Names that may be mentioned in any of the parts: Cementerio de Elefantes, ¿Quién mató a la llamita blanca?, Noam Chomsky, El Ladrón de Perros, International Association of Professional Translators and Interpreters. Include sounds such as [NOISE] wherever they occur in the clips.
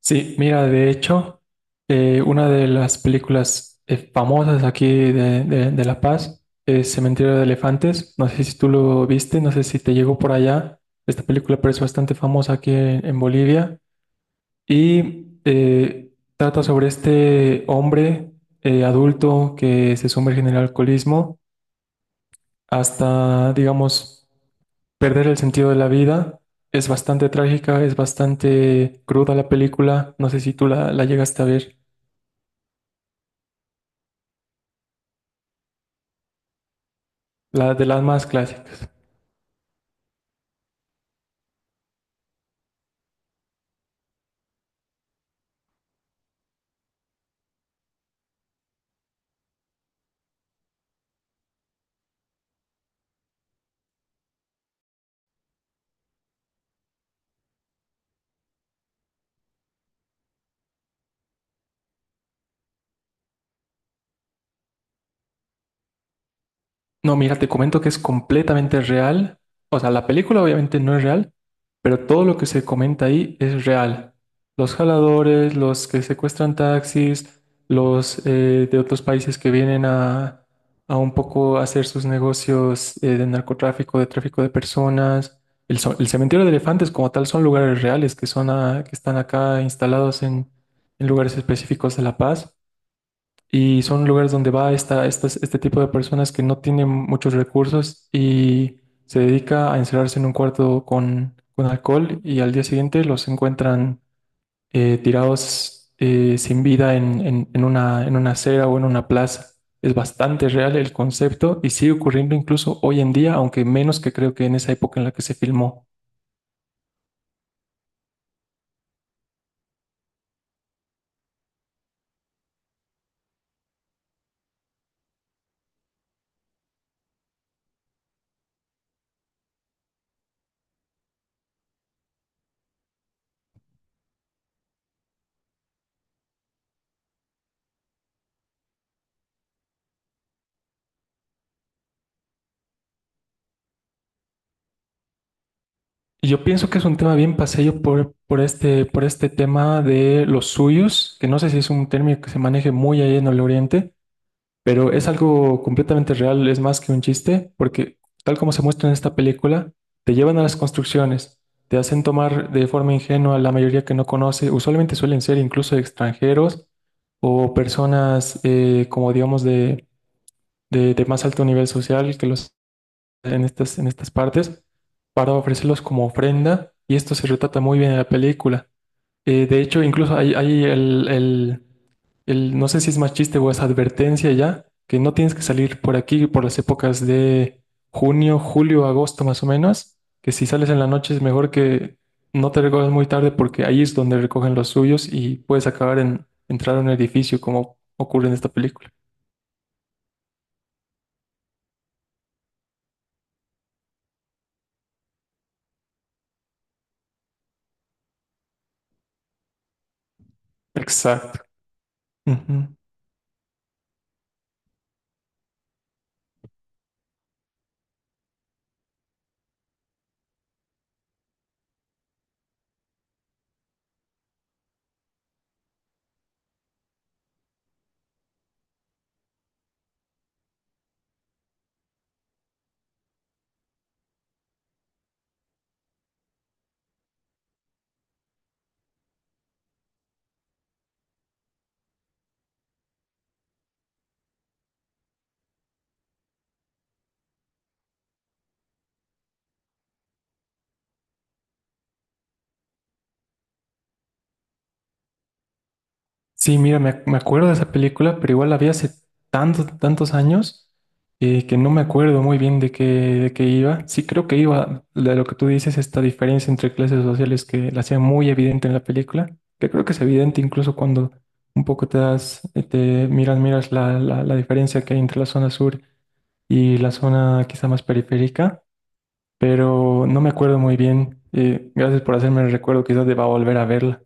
Sí, mira, de hecho, una de las películas famosas aquí de La Paz es Cementerio de Elefantes. No sé si tú lo viste, no sé si te llegó por allá. Esta película, pero es bastante famosa aquí en Bolivia. Y trata sobre este hombre adulto que se sumerge en el alcoholismo hasta, digamos, perder el sentido de la vida. Es bastante trágica, es bastante cruda la película. No sé si tú la llegaste a ver. Las de las más clásicas. No, mira, te comento que es completamente real. O sea, la película obviamente no es real, pero todo lo que se comenta ahí es real. Los jaladores, los que secuestran taxis, los de otros países que vienen a un poco hacer sus negocios de narcotráfico, de tráfico de personas. El cementerio de elefantes como tal son lugares reales que, que están acá instalados en lugares específicos de La Paz. Y son lugares donde va este tipo de personas que no tienen muchos recursos y se dedica a encerrarse en un cuarto con alcohol y al día siguiente los encuentran tirados sin vida en una acera o en una plaza. Es bastante real el concepto y sigue ocurriendo incluso hoy en día, aunque menos que creo que en esa época en la que se filmó. Y yo pienso que es un tema bien paseño por este tema de los suyos, que no sé si es un término que se maneje muy ahí en el Oriente. Pero es algo completamente real, es más que un chiste, porque tal como se muestra en esta película, te llevan a las construcciones, te hacen tomar de forma ingenua la mayoría que no conoce, usualmente suelen ser incluso extranjeros o personas como digamos de más alto nivel social que los en estas partes, para ofrecerlos como ofrenda, y esto se retrata muy bien en la película. De hecho, incluso hay no sé si es más chiste o es advertencia ya, que no tienes que salir por aquí por las épocas de junio, julio, agosto más o menos, que si sales en la noche es mejor que no te recojas muy tarde porque ahí es donde recogen los suyos y puedes acabar en entrar a un edificio como ocurre en esta película. Exacto. Ujú. Sí, mira, me acuerdo de esa película, pero igual la vi hace tantos, tantos años que no me acuerdo muy bien de qué iba. Sí, creo que iba de lo que tú dices, esta diferencia entre clases sociales que la hacía muy evidente en la película, que creo que es evidente incluso cuando un poco te miras, miras la diferencia que hay entre la zona sur y la zona quizá más periférica, pero no me acuerdo muy bien. Gracias por hacerme el recuerdo, quizás deba volver a verla.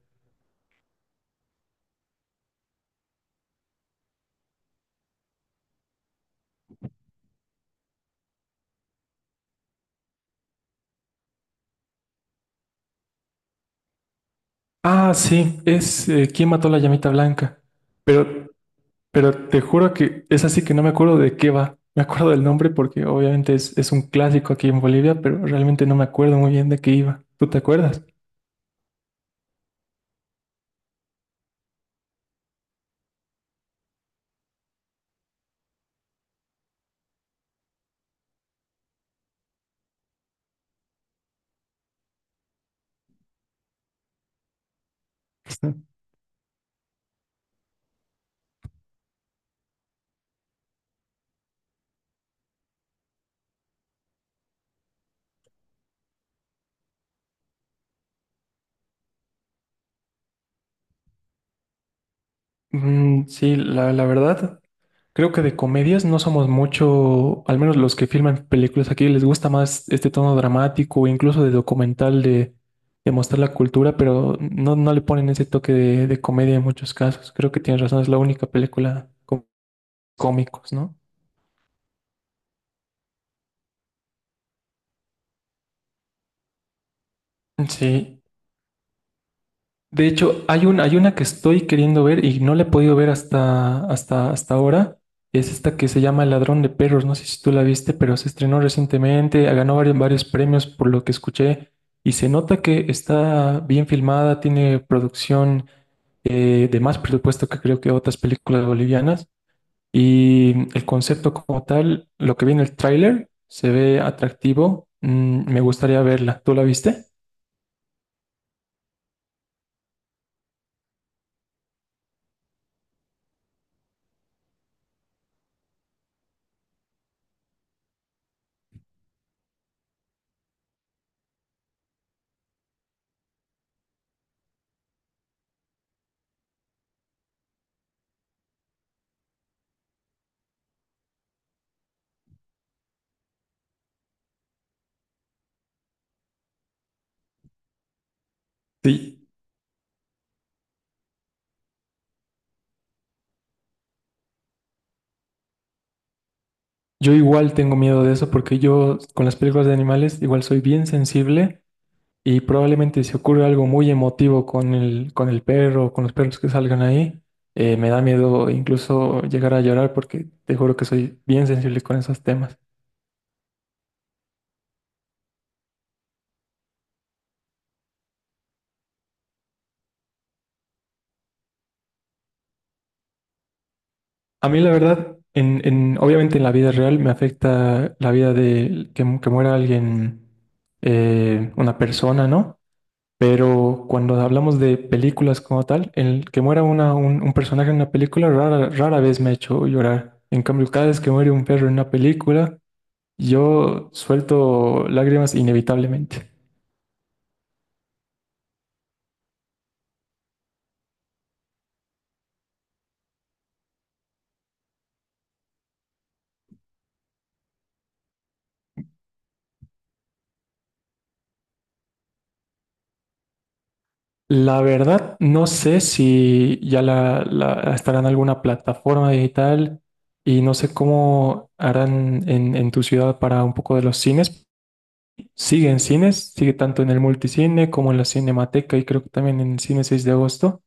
Ah, sí, es ¿Quién mató a la llamita blanca? Pero, pero te juro que es así que no me acuerdo de qué va. Me acuerdo del nombre porque obviamente es un clásico aquí en Bolivia, pero realmente no me acuerdo muy bien de qué iba. ¿Tú te acuerdas? [LAUGHS] Mm, sí, la verdad, creo que de comedias no somos mucho, al menos los que filman películas aquí, les gusta más este tono dramático o incluso de documental de mostrar la cultura, pero no le ponen ese toque de comedia en muchos casos. Creo que tienes razón, es la única película cómicos, ¿no? Sí. De hecho, hay una que estoy queriendo ver y no la he podido ver hasta ahora. Es esta que se llama El Ladrón de Perros. No sé si tú la viste, pero se estrenó recientemente, ganó varios premios por lo que escuché. Y se nota que está bien filmada, tiene producción de más presupuesto que creo que otras películas bolivianas. Y el concepto como tal, lo que vi en el tráiler, se ve atractivo. Me gustaría verla. ¿Tú la viste? Sí, yo igual tengo miedo de eso porque yo con las películas de animales igual soy bien sensible y probablemente si ocurre algo muy emotivo con el perro o con los perros que salgan ahí, me da miedo incluso llegar a llorar porque te juro que soy bien sensible con esos temas. A mí la verdad, obviamente en la vida real me afecta la vida de que muera alguien, una persona, ¿no? Pero cuando hablamos de películas como tal, el que muera un personaje en una película rara, rara vez me ha hecho llorar. En cambio, cada vez que muere un perro en una película, yo suelto lágrimas inevitablemente. La verdad, no sé si ya estará en alguna plataforma digital y no sé cómo harán en tu ciudad para un poco de los cines. Sigue en cines, sigue tanto en el multicine como en la Cinemateca y creo que también en el cine 6 de agosto.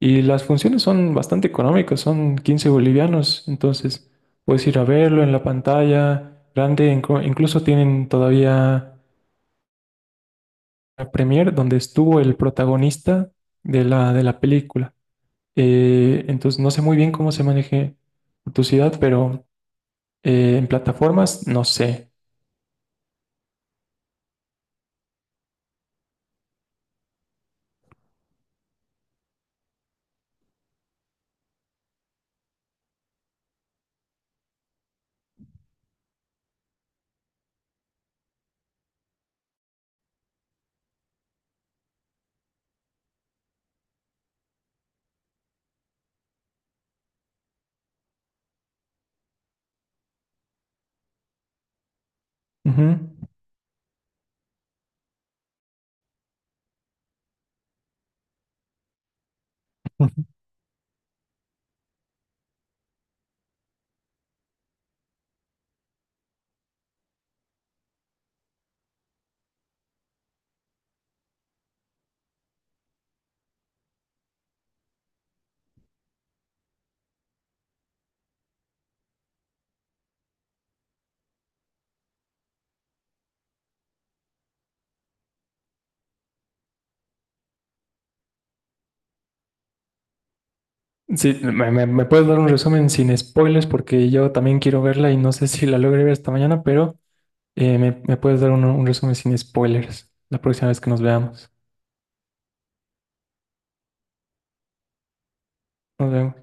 Y las funciones son bastante económicas, son 15 bolivianos, entonces puedes ir a verlo en la pantalla grande, incluso tienen todavía la premier donde estuvo el protagonista de la película. Entonces no sé muy bien cómo se maneje tu ciudad, pero en plataformas no sé. Ujú. [LAUGHS] Sí, me puedes dar un resumen sin spoilers porque yo también quiero verla y no sé si la logré ver esta mañana, pero ¿me puedes dar un resumen sin spoilers la próxima vez que nos veamos? Nos vemos.